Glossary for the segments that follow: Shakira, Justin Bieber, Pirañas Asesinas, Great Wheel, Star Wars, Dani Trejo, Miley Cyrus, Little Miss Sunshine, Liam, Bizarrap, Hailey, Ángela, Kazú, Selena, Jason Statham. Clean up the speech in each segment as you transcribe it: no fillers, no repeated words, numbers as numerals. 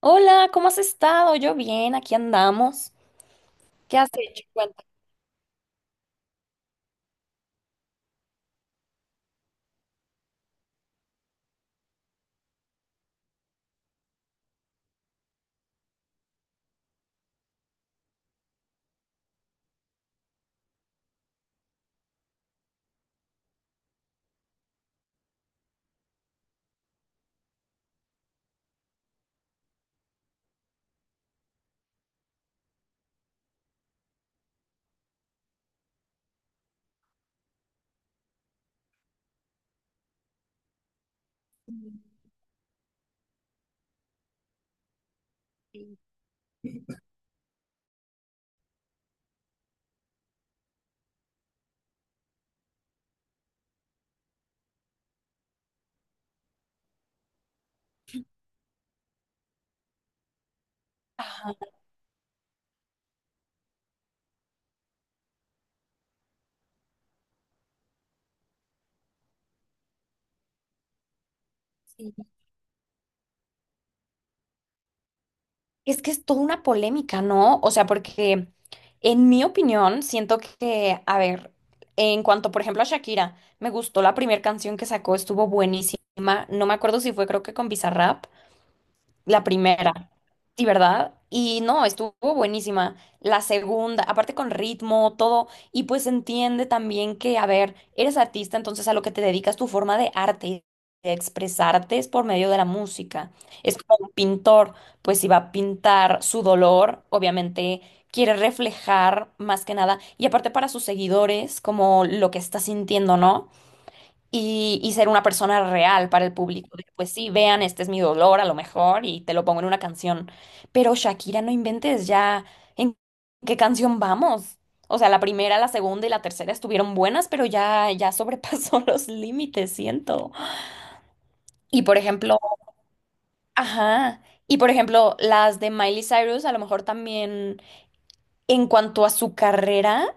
Hola, ¿cómo has estado? Yo bien, aquí andamos. ¿Qué has hecho? Cuenta. Ajá, sí. Es que es toda una polémica, ¿no? O sea, porque en mi opinión siento que, a ver, en cuanto, por ejemplo, a Shakira, me gustó la primera canción que sacó, estuvo buenísima. No me acuerdo si fue, creo que con Bizarrap. La primera, sí, ¿verdad? Y no, estuvo buenísima. La segunda, aparte con ritmo, todo, y pues entiende también que, a ver, eres artista, entonces a lo que te dedicas tu forma de arte, de expresarte es por medio de la música. Es como un pintor, pues si va a pintar su dolor, obviamente quiere reflejar más que nada, y aparte para sus seguidores, como lo que está sintiendo, ¿no? Y ser una persona real para el público. De, pues sí, vean, este es mi dolor a lo mejor y te lo pongo en una canción. Pero Shakira, no inventes ya en qué canción vamos. O sea, la primera, la segunda y la tercera estuvieron buenas, pero ya sobrepasó los límites, siento. Y por ejemplo, ajá. Y por ejemplo, las de Miley Cyrus a lo mejor también en cuanto a su carrera,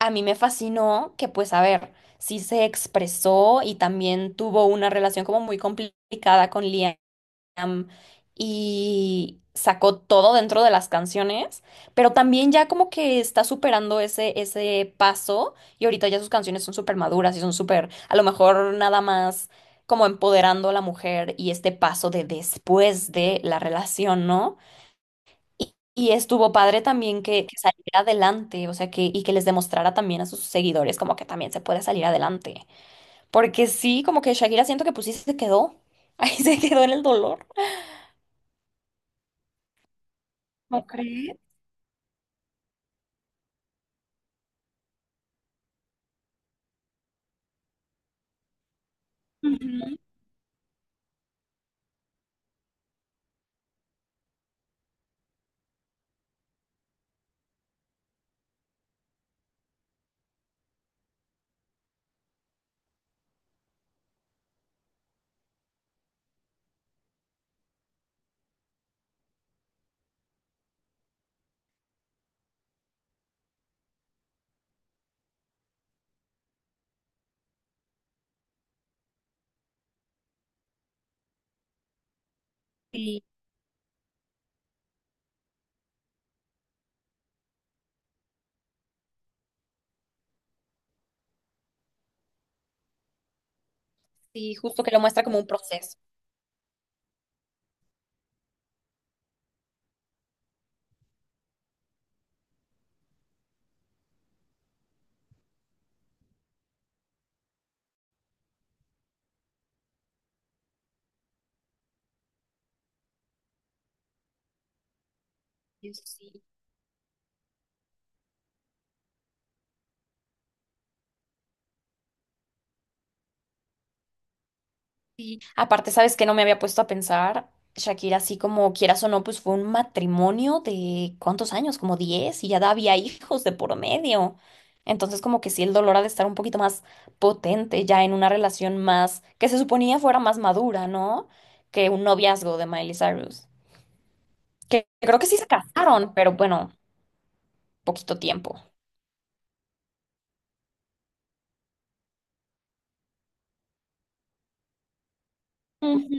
a mí me fascinó que, pues, a ver, sí se expresó y también tuvo una relación como muy complicada con Liam y sacó todo dentro de las canciones, pero también ya como que está superando ese paso y ahorita ya sus canciones son súper maduras y son súper, a lo mejor nada más como empoderando a la mujer y este paso de después de la relación, ¿no? Y estuvo padre también que saliera adelante, o sea, que, y que les demostrara también a sus seguidores como que también se puede salir adelante. Porque sí, como que Shakira siento que pues sí se quedó, ahí se quedó en el dolor. ¿No crees? Ujú. Sí, sí, justo que lo muestra como un proceso. Aparte, sabes que no me había puesto a pensar, Shakira, así como quieras o no, pues fue un matrimonio de ¿cuántos años? Como 10 y ya había hijos de por medio. Entonces, como que sí, el dolor ha de estar un poquito más potente ya en una relación más, que se suponía fuera más madura, ¿no? Que un noviazgo de Miley Cyrus. Que creo que sí se casaron, pero bueno, poquito tiempo. Ujú.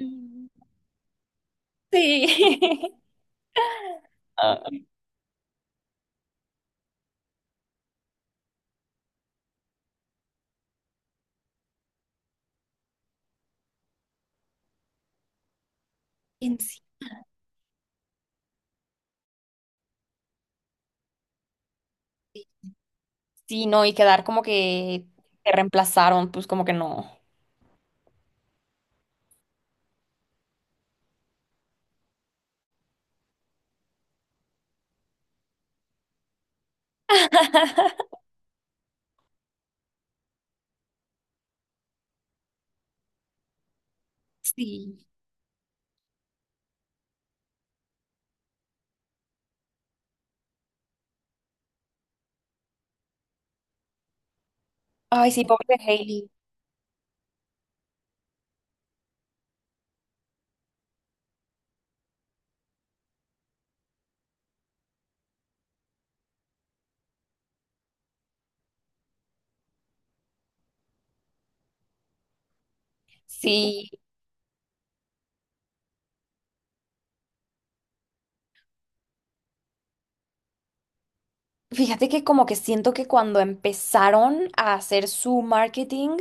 Sí. Ah. En sí, sí, no, y quedar como que te reemplazaron, pues como que no. Sí. Ay, sí, pobre de Hailey. Sí, fíjate que como que siento que cuando empezaron a hacer su marketing,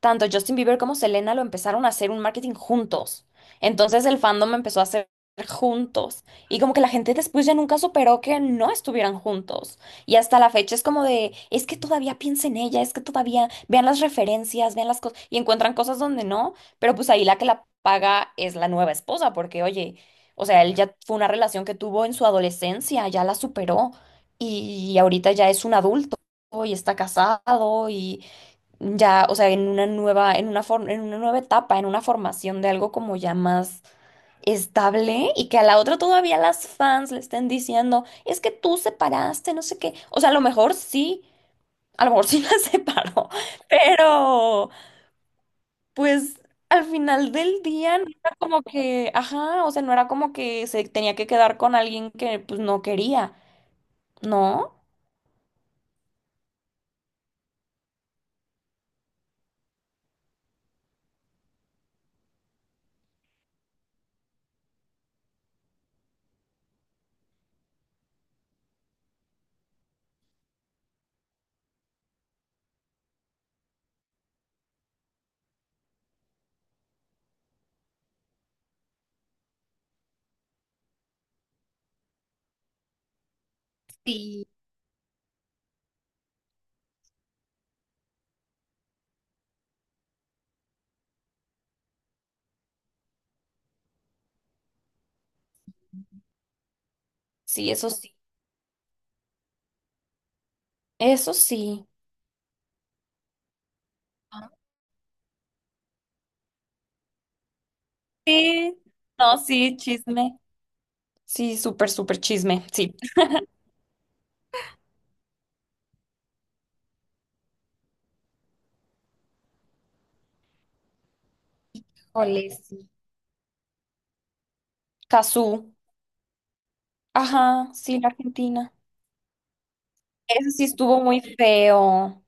tanto Justin Bieber como Selena lo empezaron a hacer un marketing juntos. Entonces el fandom empezó a hacer juntos. Y como que la gente después ya nunca superó que no estuvieran juntos. Y hasta la fecha es como de, es que todavía piensen en ella, es que todavía vean las referencias, vean las cosas y encuentran cosas donde no. Pero pues ahí la que la paga es la nueva esposa, porque oye, o sea, él ya fue una relación que tuvo en su adolescencia, ya la superó. Y ahorita ya es un adulto y está casado y ya, o sea, en una nueva, en una nueva etapa, en una formación de algo como ya más estable y que a la otra todavía las fans le estén diciendo, es que tú separaste, no sé qué. O sea, a lo mejor sí, a lo mejor sí la separó, pero pues al final del día no era como que, ajá, o sea, no era como que se tenía que quedar con alguien que pues no quería, ¿no? Sí. Sí, eso sí, eso sí. Sí, no, sí, chisme. Sí, súper, súper chisme, sí. Híjole, sí. Cazú. Ajá, sí, la Argentina. Eso sí estuvo muy feo.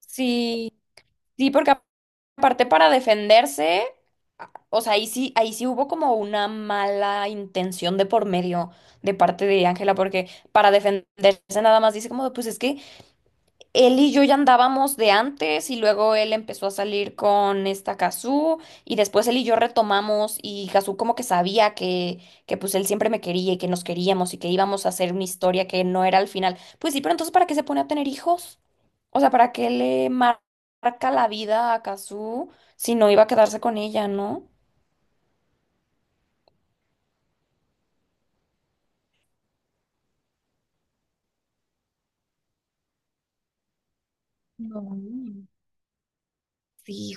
Sí, sí, porque aparte para defenderse, o sea, ahí sí hubo como una mala intención de por medio de parte de Ángela, porque para defenderse nada más dice como, de, pues es que él y yo ya andábamos de antes y luego él empezó a salir con esta Kazú y después él y yo retomamos y Kazú como que sabía que pues él siempre me quería y que nos queríamos y que íbamos a hacer una historia que no era al final. Pues sí, pero entonces ¿para qué se pone a tener hijos? O sea, ¿para qué marca la vida a Kazú si no iba a quedarse con ella, ¿no? No. Sí.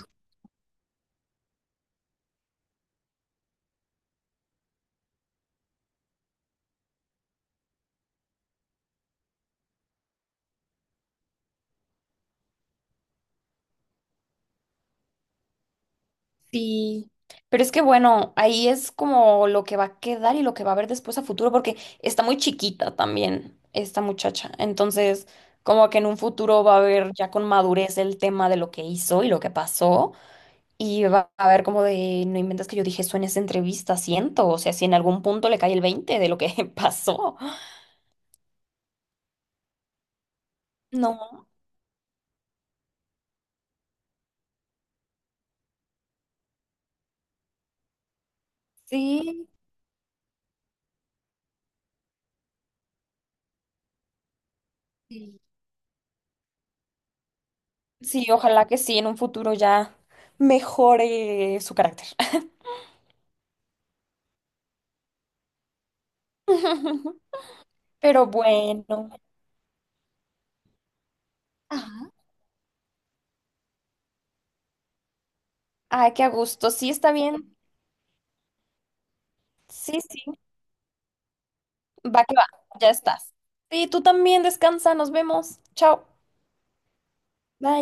Sí, pero es que bueno, ahí es como lo que va a quedar y lo que va a haber después a futuro, porque está muy chiquita también esta muchacha. Entonces, como que en un futuro va a haber ya con madurez el tema de lo que hizo y lo que pasó. Y va a haber como de, no inventes que yo dije eso en esa entrevista, siento. O sea, si en algún punto le cae el veinte de lo que pasó. No, sí. Sí, sí, ojalá que sí, en un futuro ya mejore su carácter. Pero bueno. Ajá. Ay, qué a gusto. Sí, está bien. Sí, sí. Va que va. Ya estás. Sí, tú también descansa. Nos vemos. Chao. Bye.